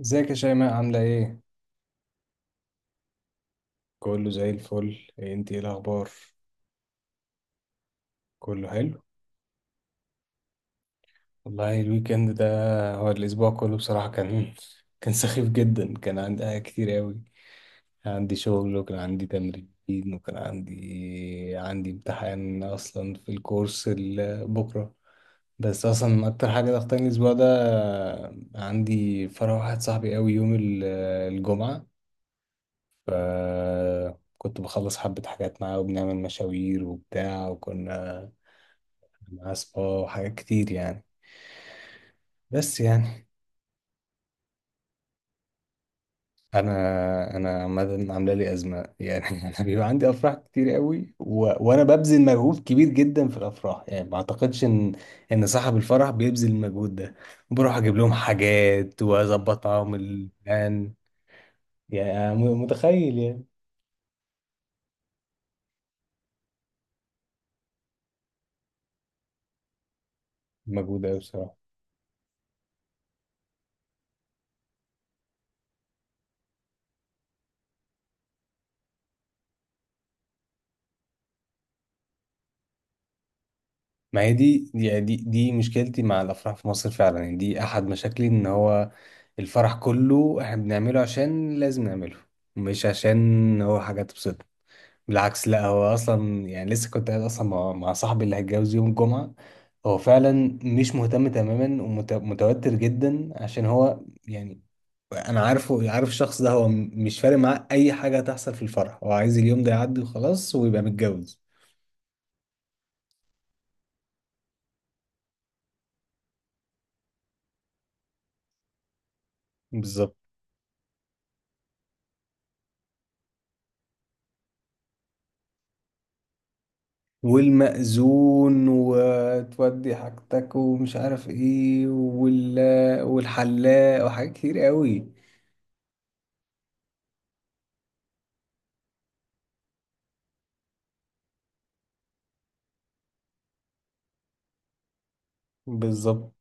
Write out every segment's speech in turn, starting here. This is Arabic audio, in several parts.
ازيك يا شيماء عاملة ايه؟ كله زي الفل. إيه انت ايه الاخبار؟ كله حلو. والله الويكند ده، هو الأسبوع كله بصراحة كان كان سخيف جدا، كان عندي حاجات كتير أوي، كان عندي شغل وكان عندي تمرين وكان عندي امتحان أصلا في الكورس بكرة. بس أصلا أكتر حاجة ضغطاني الأسبوع ده، عندي فرح واحد صاحبي أوي يوم الجمعة. فكنت بخلص حبة حاجات معاه وبنعمل مشاوير وبتاع، وكنا معاه سبا وحاجات كتير يعني. بس يعني انا انا عامه عامله لي ازمه يعني. انا بيبقى عندي افراح كتير قوي، و... وانا ببذل مجهود كبير جدا في الافراح، يعني ما اعتقدش ان صاحب الفرح بيبذل المجهود ده. بروح اجيب لهم حاجات واظبط معاهم البلان يعني. أنا متخيل يعني مجهود قوي بصراحه. ما هي دي مشكلتي مع الافراح في مصر فعلا، يعني دي احد مشاكلي، ان هو الفرح كله احنا بنعمله عشان لازم نعمله، مش عشان هو حاجه تبسطنا. بالعكس، لا هو اصلا يعني لسه كنت قاعد اصلا مع صاحبي اللي هيتجوز يوم الجمعه. هو فعلا مش مهتم تماما ومتوتر جدا، عشان هو يعني انا عارف الشخص ده، هو مش فارق معاه اي حاجه هتحصل في الفرح، هو عايز اليوم ده يعدي وخلاص ويبقى متجوز. بالظبط. والمأذون وتودي حاجتك ومش عارف ايه والحلاق وحاجات كتير قوي. بالظبط.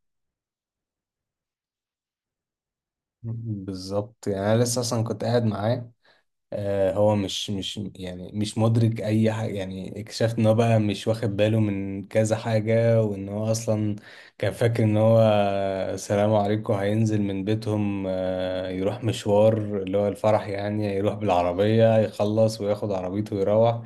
بالظبط يعني انا لسه اصلا كنت قاعد معاه. آه، هو مش يعني مش مدرك اي حاجه، يعني اكتشفت ان هو بقى مش واخد باله من كذا حاجه، وان هو اصلا كان فاكر ان هو سلام عليكم هينزل من بيتهم، آه، يروح مشوار اللي هو الفرح، يعني يروح بالعربيه يخلص وياخد عربيته ويروح.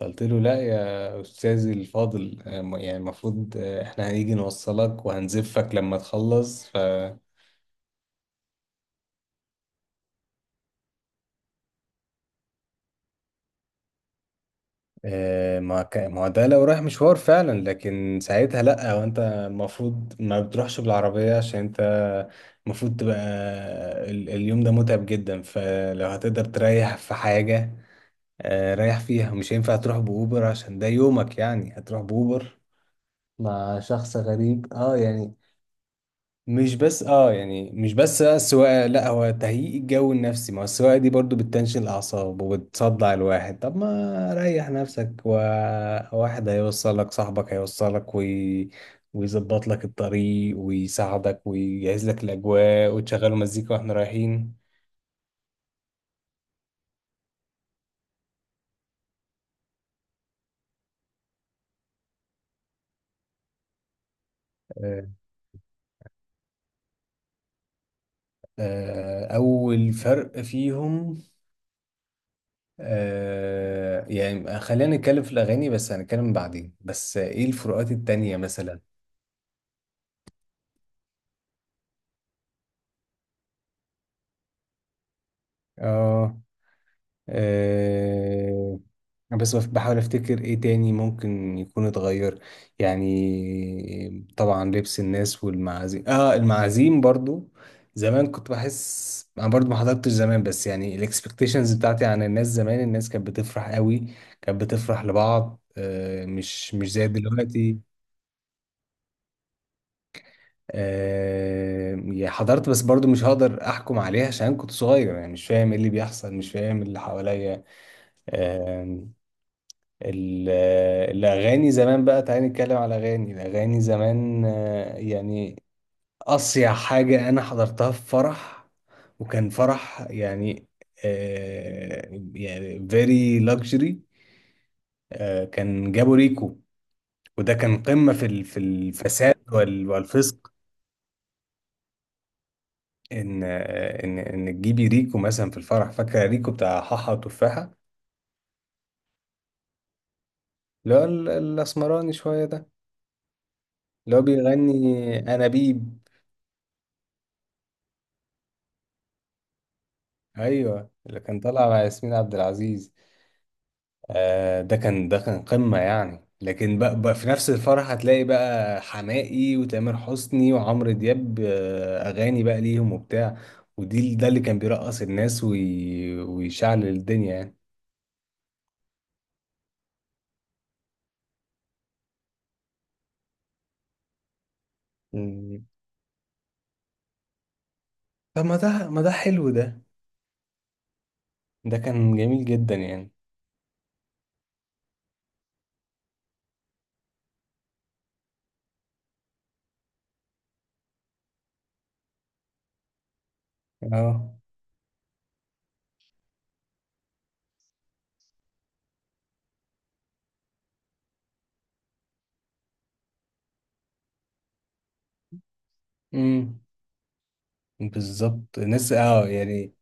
فقلت له لا يا استاذي الفاضل، آه، يعني المفروض آه، احنا هنيجي نوصلك وهنزفك لما تخلص. ف آه، ما هو ده لو رايح مشوار فعلا، لكن ساعتها لا، وانت المفروض ما بتروحش بالعربية عشان انت المفروض تبقى اليوم ده متعب جدا، فلو هتقدر تريح في حاجة آه، ريح فيها. مش هينفع تروح بأوبر عشان ده يومك، يعني هتروح بأوبر مع شخص غريب اه يعني. مش بس اه يعني مش بس بقى السواقه، لا هو تهيئ الجو النفسي، ما هو السواقه دي برضو بتنشن الاعصاب وبتصدع الواحد. طب ما ريح نفسك، وواحد هيوصلك، صاحبك هيوصلك ويظبط لك الطريق ويساعدك ويجهز لك الاجواء وتشغلوا مزيكا واحنا رايحين. آه، آه، اول فرق فيهم آه، يعني خلينا نتكلم في الاغاني، بس هنتكلم بعدين بس ايه الفروقات التانية مثلا. اه. أه بس بحاول افتكر ايه تاني ممكن يكون اتغير. يعني طبعا لبس الناس والمعازيم، اه المعازيم برضو زمان كنت بحس، انا برضو ما حضرتش زمان، بس يعني الاكسبكتيشنز بتاعتي عن الناس زمان، الناس كانت بتفرح قوي، كانت بتفرح لبعض، أه مش زي دلوقتي. أه يعني حضرت، بس برضو مش هقدر احكم عليها عشان كنت صغير، يعني مش فاهم ايه اللي بيحصل، مش فاهم اللي حواليا. آه، ال- الأغاني زمان بقى، تعالى نتكلم على أغاني، الأغاني زمان آه، يعني أصيع حاجة أنا حضرتها في فرح وكان فرح يعني آه، يعني very luxury، آه، كان جابوا ريكو، وده كان قمة في في الفساد والفسق. إن آه، إن تجيبي ريكو مثلا في الفرح، فاكرة ريكو بتاع حاحة وتفاحة؟ اللي هو الأسمراني شوية ده، اللي هو بيغني أنابيب، ايوه اللي كان طالع مع ياسمين عبد العزيز. آه ده كان ده كان قمة يعني. لكن بقى في نفس الفرح هتلاقي بقى حماقي وتامر حسني وعمرو دياب، آه اغاني بقى ليهم وبتاع، ودي ده اللي كان بيرقص الناس ويشعل الدنيا يعني. مم. طب ما ده ما ده حلو ده، ده كان جميل جدا يعني. اه. امم بالظبط الناس اه يعني.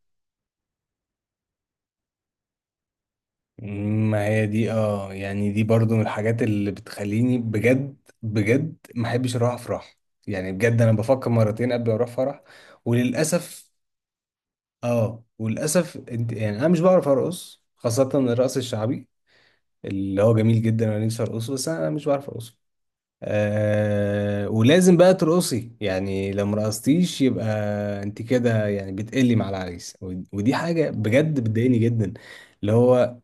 ما هي دي اه يعني دي برضو من الحاجات اللي بتخليني بجد بجد ما احبش اروح افراح، يعني بجد انا بفكر مرتين قبل ما اروح فرح. وللاسف اه، وللاسف انت يعني انا مش بعرف ارقص، خاصة الرقص الشعبي اللي هو جميل جدا وانا نفسي ارقصه، بس انا مش بعرف ارقصه. آه ولازم بقى ترقصي، يعني لو مرقصتيش يبقى انت كده يعني بتقلي مع العريس. ودي حاجة بجد بتضايقني جدا. اللي هو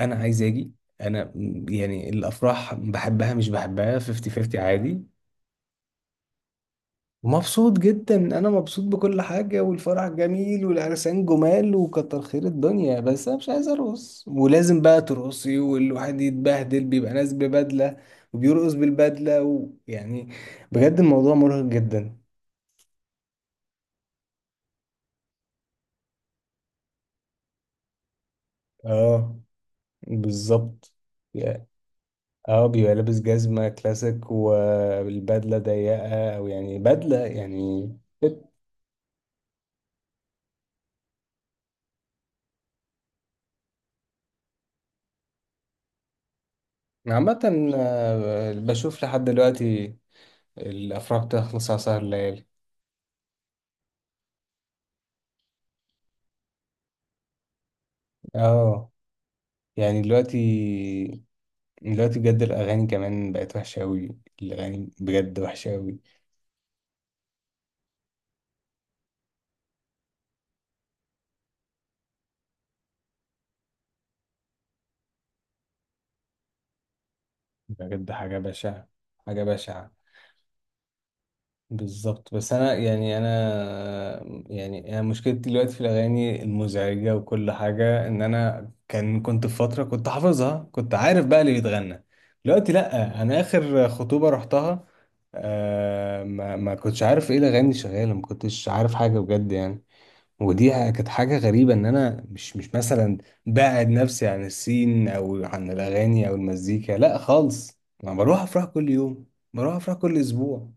انا عايز اجي، انا يعني الافراح بحبها مش بحبها 50 50 عادي. مبسوط جدا، انا مبسوط بكل حاجه، والفرح جميل والعرسان جمال وكتر خير الدنيا، بس انا مش عايز ارقص، ولازم بقى ترقصي والواحد يتبهدل، بيبقى ناس ببدله وبيرقص بالبدله ويعني بجد الموضوع مرهق جدا. اه بالظبط. يا- اه بيبقى لابس جزمه كلاسيك والبدله ضيقه، او يعني بدله يعني. فت. عامة آه، بشوف لحد دلوقتي الأفراح بتخلص على سهر الليالي. اه يعني دلوقتي، دلوقتي بجد الأغاني كمان بقت وحشة أوي، الأغاني بجد وحشة أوي. بجد حاجة بشعة، حاجة بشعة. بالظبط. بس أنا يعني أنا يعني أنا مشكلتي دلوقتي في الأغاني المزعجة وكل حاجة، إن أنا كنت في فترة كنت حافظها، كنت عارف بقى اللي بيتغنى. دلوقتي لأ، أنا آخر خطوبة رحتها آه ما كنتش عارف إيه الأغاني اللي شغالة، ما كنتش عارف حاجة بجد يعني. ودي كانت حاجة غريبة، إن أنا مش مثلا بعد نفسي عن السين أو عن الأغاني أو المزيكا، لا خالص، أنا بروح أفراح كل يوم، بروح أفراح كل أسبوع،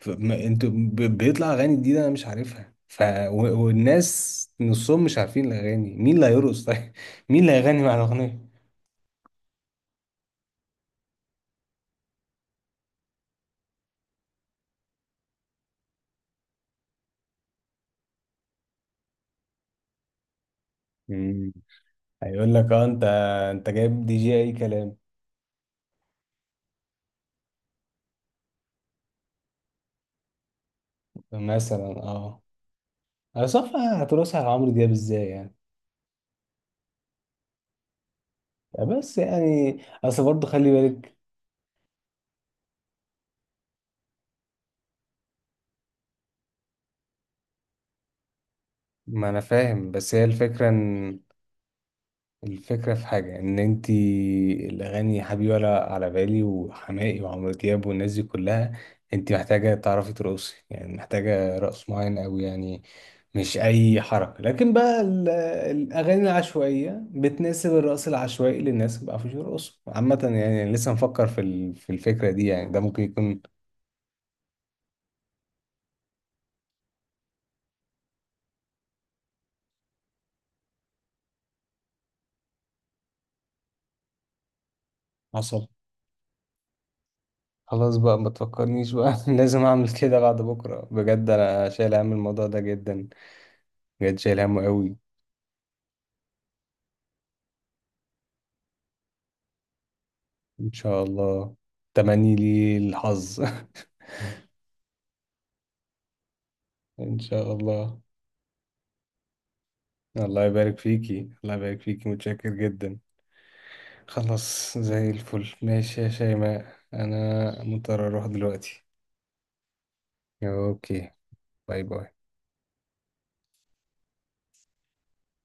انتوا بيطلع أغاني جديدة أنا مش عارفها ف والناس نصهم مش عارفين الأغاني. مين اللي هيرقص طيب؟ مين اللي هيغني مع الأغنية؟ مم. هيقول لك اه انت، انت جايب دي جي اي كلام. مثلا اه. انا صفى هترقصها على عمرو دياب ازاي يعني؟ بس يعني اصل برضه خلي بالك. ما انا فاهم، بس هي الفكرة ان، الفكرة في حاجة، ان انتي الاغاني يا حبيبي ولا على بالي وحماقي وعمرو دياب والناس دي كلها انتي محتاجة تعرفي ترقصي، يعني محتاجة رقص معين اوي يعني، مش اي حركة. لكن بقى الاغاني العشوائية بتناسب الرقص العشوائي للناس ما بيعرفوش يرقصوا عامة يعني. لسه مفكر في في الفكرة دي يعني، ده ممكن يكون حصل. خلاص بقى ما تفكرنيش بقى. لازم اعمل كده بعد بكرة، بجد انا شايل هم الموضوع ده جدا، بجد شايل همه قوي. ان شاء الله. تمني لي الحظ. ان شاء الله. الله يبارك فيكي، الله يبارك فيكي، متشكر جدا. خلاص زي الفل، ماشي يا شيماء انا مضطر اروح دلوقتي. اوكي، باي باي.